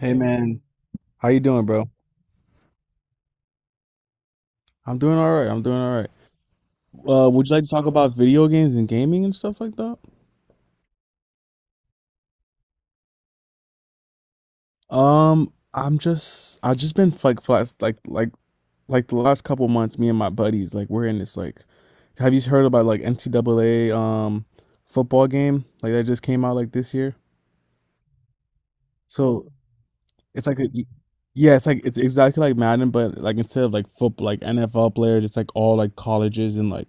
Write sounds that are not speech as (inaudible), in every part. Hey man, how you doing, bro? I'm doing all right. I'm doing all right. Would you like to talk about video games and gaming and stuff like that? I've just been like flat like the last couple months, me and my buddies, like we're in this like, have you heard about like NCAA football game like that just came out like this year? So It's like a, yeah, it's like it's exactly like Madden, but like instead of like football, like NFL players, it's like all like colleges and like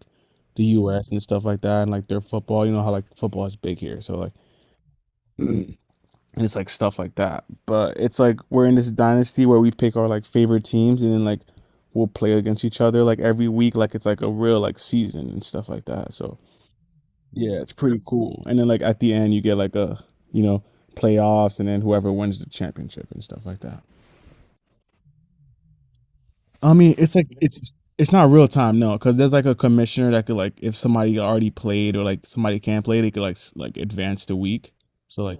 the U.S. and stuff like that, and like their football. You know how like football is big here, so like, (clears throat) and it's like stuff like that. But it's like we're in this dynasty where we pick our, like, favorite teams, and then like we'll play against each other like every week, like it's like a real like season and stuff like that. So yeah, it's pretty cool. And then like at the end, you get like a you know playoffs, and then whoever wins the championship and stuff like that. I mean, it's like it's not real time, no, because there's like a commissioner that could like if somebody already played or like somebody can't play, they could like like advance the week. So like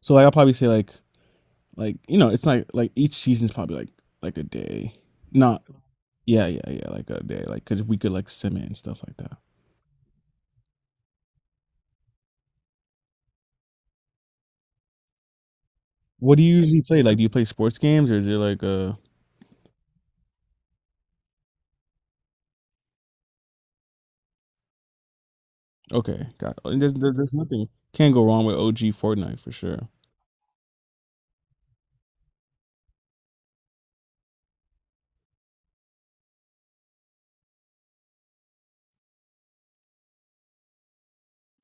so like, I'll probably say like it's like each season's probably like a day. Not Yeah, yeah, yeah, like a day, like because we could like sim it and stuff like that. What do you usually play? Like do you play sports games or is it like, okay, got. And there's nothing can't go wrong with OG Fortnite for sure.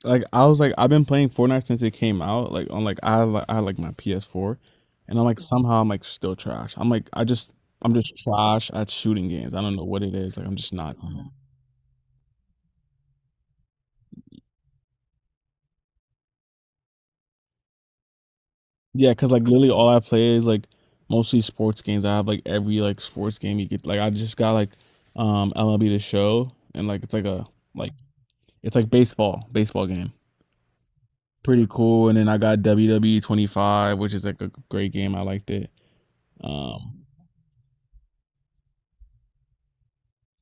Like I've been playing Fortnite since it came out. Like on like I had, like my PS4, and I'm like somehow I'm like still trash. I'm like I'm just trash at shooting games. I don't know what it is. Like I'm just not. Yeah, cause like literally all I play is like mostly sports games. I have like every like sports game you get. Like I just got like MLB The Show, and like like it's like baseball game. Pretty cool. And then I got WWE 25, which is like a great game. I liked it. Um,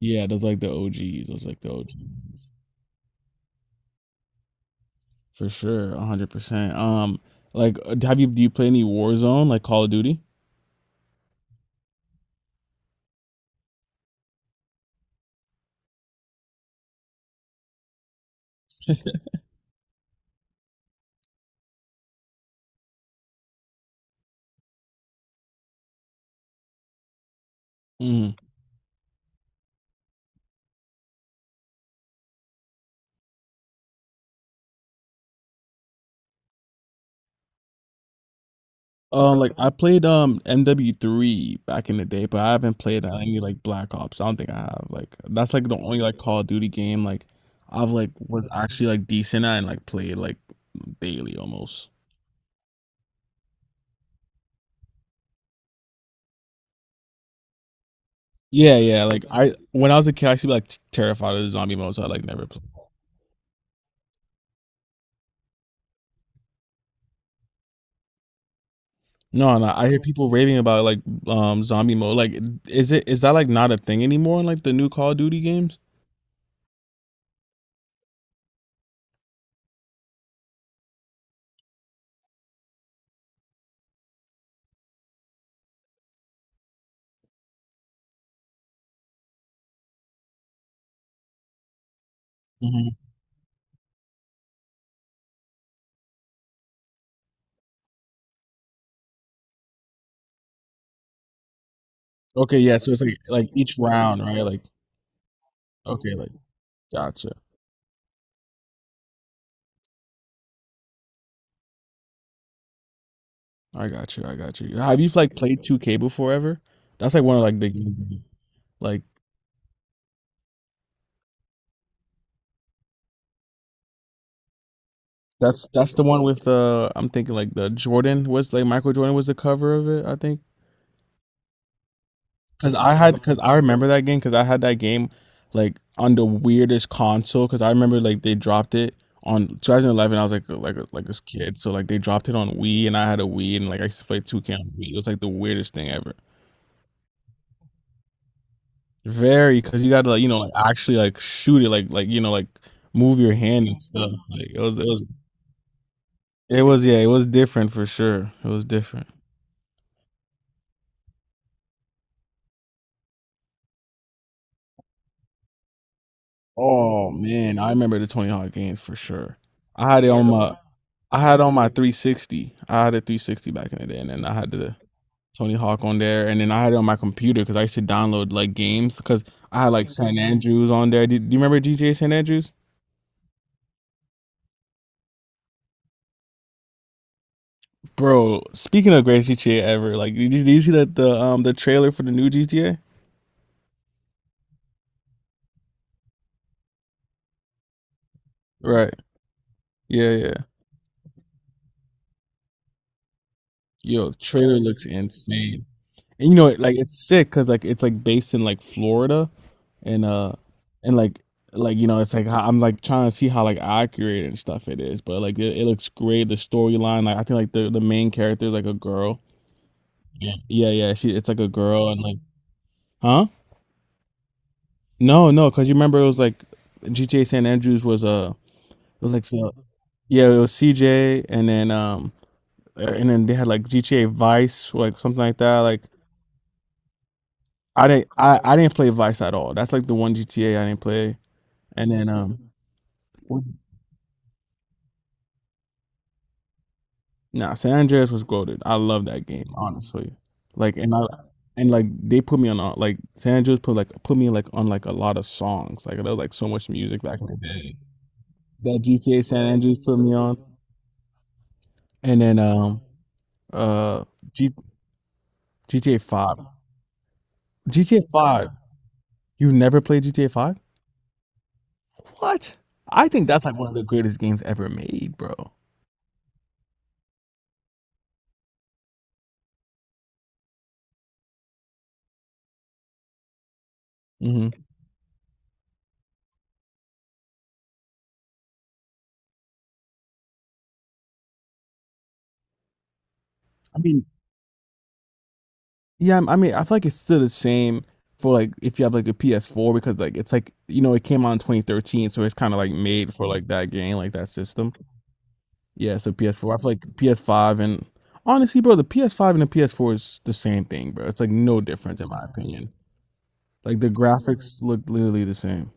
yeah, those like the OGs. Those like the OG. For sure, 100%. Like have you do you play any Warzone like Call of Duty? Mm. Like I played MW3 back in the day, but I haven't played any like Black Ops. I don't think I have. Like that's like the only like Call of Duty game like I've like was actually like decent at and like played like daily almost. Yeah, yeah. Like I when I was a kid, I used to be like terrified of the zombie mode, so I like never played. No, no. I hear people raving about like zombie mode. Like, is that like not a thing anymore in like the new Call of Duty games? Hmm. Okay, yeah. So it's like each round, right? Like okay, like gotcha. I got you. I got you. Have you like played 2K before ever? That's like one of like the games. Like that's the one with the, I'm thinking like the Jordan was like Michael Jordan was the cover of it, I think. Cause I remember that game because I had that game like on the weirdest console because I remember like they dropped it on 2011. I was like this kid, so like they dropped it on Wii and I had a Wii and like I used to play 2K on Wii. It was like the weirdest thing ever. Very, because you gotta like like actually like shoot it like like move your hand and stuff. Like it was, yeah, it was different for sure. It was different. Oh man, I remember the Tony Hawk games for sure. I had it on my I had on my 360. I had a 360 back in the day, and then I had the Tony Hawk on there, and then I had it on my computer because I used to download like games because I had like San Andrews on there. Do you remember GTA San Andrews, bro? Speaking of greatest GTA ever, like did you see that the trailer for the new GTA? Right. Yeah, yeah. Yo, trailer looks insane. And you know, like it's sick because like it's like based in like Florida and like it's like how, I'm like trying to see how like accurate and stuff it is, but like it looks great. The storyline, like I think like the main character is like a girl. Yeah, yeah, yeah. She It's like a girl and like huh? No, no, because you remember it was like GTA San Andreas was it was like so, yeah, it was CJ, and then they had like GTA Vice like something like that, like I didn't play Vice at all. That's like the one GTA I didn't play. And then nah, San Andreas was goaded. I love that game, honestly. Like and like they put me on like San Andreas put put me like on like a lot of songs. Like there was like so much music back in the day. That GTA San Andreas put me on. And then uh G, GTA five. GTA five. You've never played GTA five? What? I think that's like one of the greatest games ever made, bro. Hmm. I mean, yeah, I mean, I feel like it's still the same for like if you have like a PS4 because like it's like it came out in 2013, so it's kind of like made for like that game, like that system. Yeah, so PS4. I feel like PS5 and honestly, bro, the PS5 and the PS4 is the same thing, bro. It's like no difference in my opinion. Like the graphics look literally the same.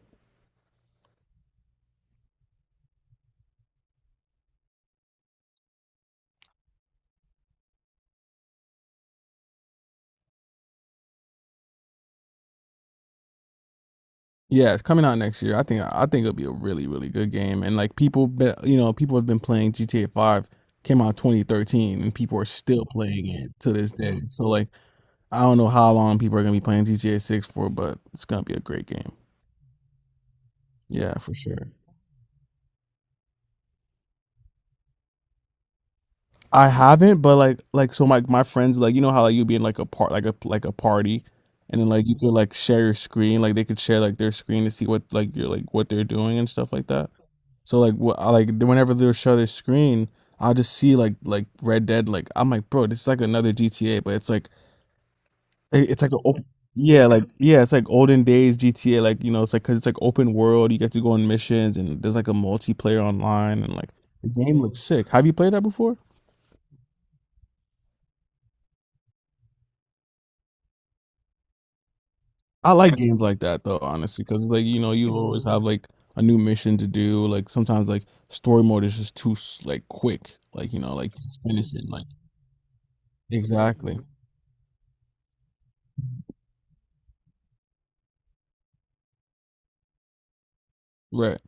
Yeah, it's coming out next year. I think it'll be a really really good game. And like people, people have been playing GTA Five. Came out 2013, and people are still playing it to this day. So like, I don't know how long people are gonna be playing GTA Six for, but it's gonna be a great game. Yeah, for sure. I haven't, but like so my friends, like you know how like you'd be in like a party, and then like you could like share your screen, like they could share like their screen to see what they're doing and stuff like that. So like like whenever they'll show their screen, I'll just see like Red Dead. Like I'm like, bro, this is like another GTA, but it's like it's like an open, yeah, like yeah, it's like olden days GTA. Like you know, it's like because it's like open world. You get to go on missions, and there's like a multiplayer online, and like the game looks sick. Have you played that before? I like games like that though, honestly, because like you always have like a new mission to do. Like sometimes like story mode is just too like quick. Like like just finish it. Like exactly, right.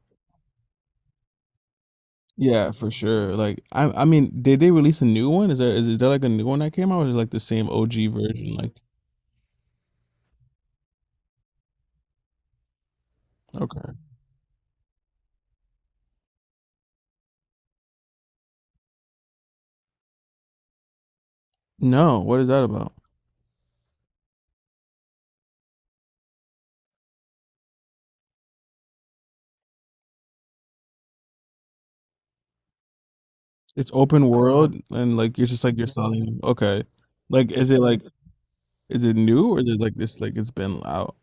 Yeah, for sure. Like I mean, did they release a new one? Is there like a new one that came out or is it like the same OG version? Like okay. No, what is that about? It's open world and like you're just like you're selling, okay. Like is it new or is it like this like it's been out?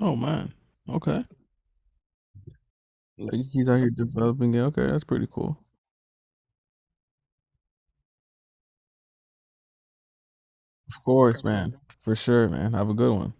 Oh man. Okay. Like he's out here developing it. Okay, that's pretty cool. Of course, man. For sure, man. Have a good one.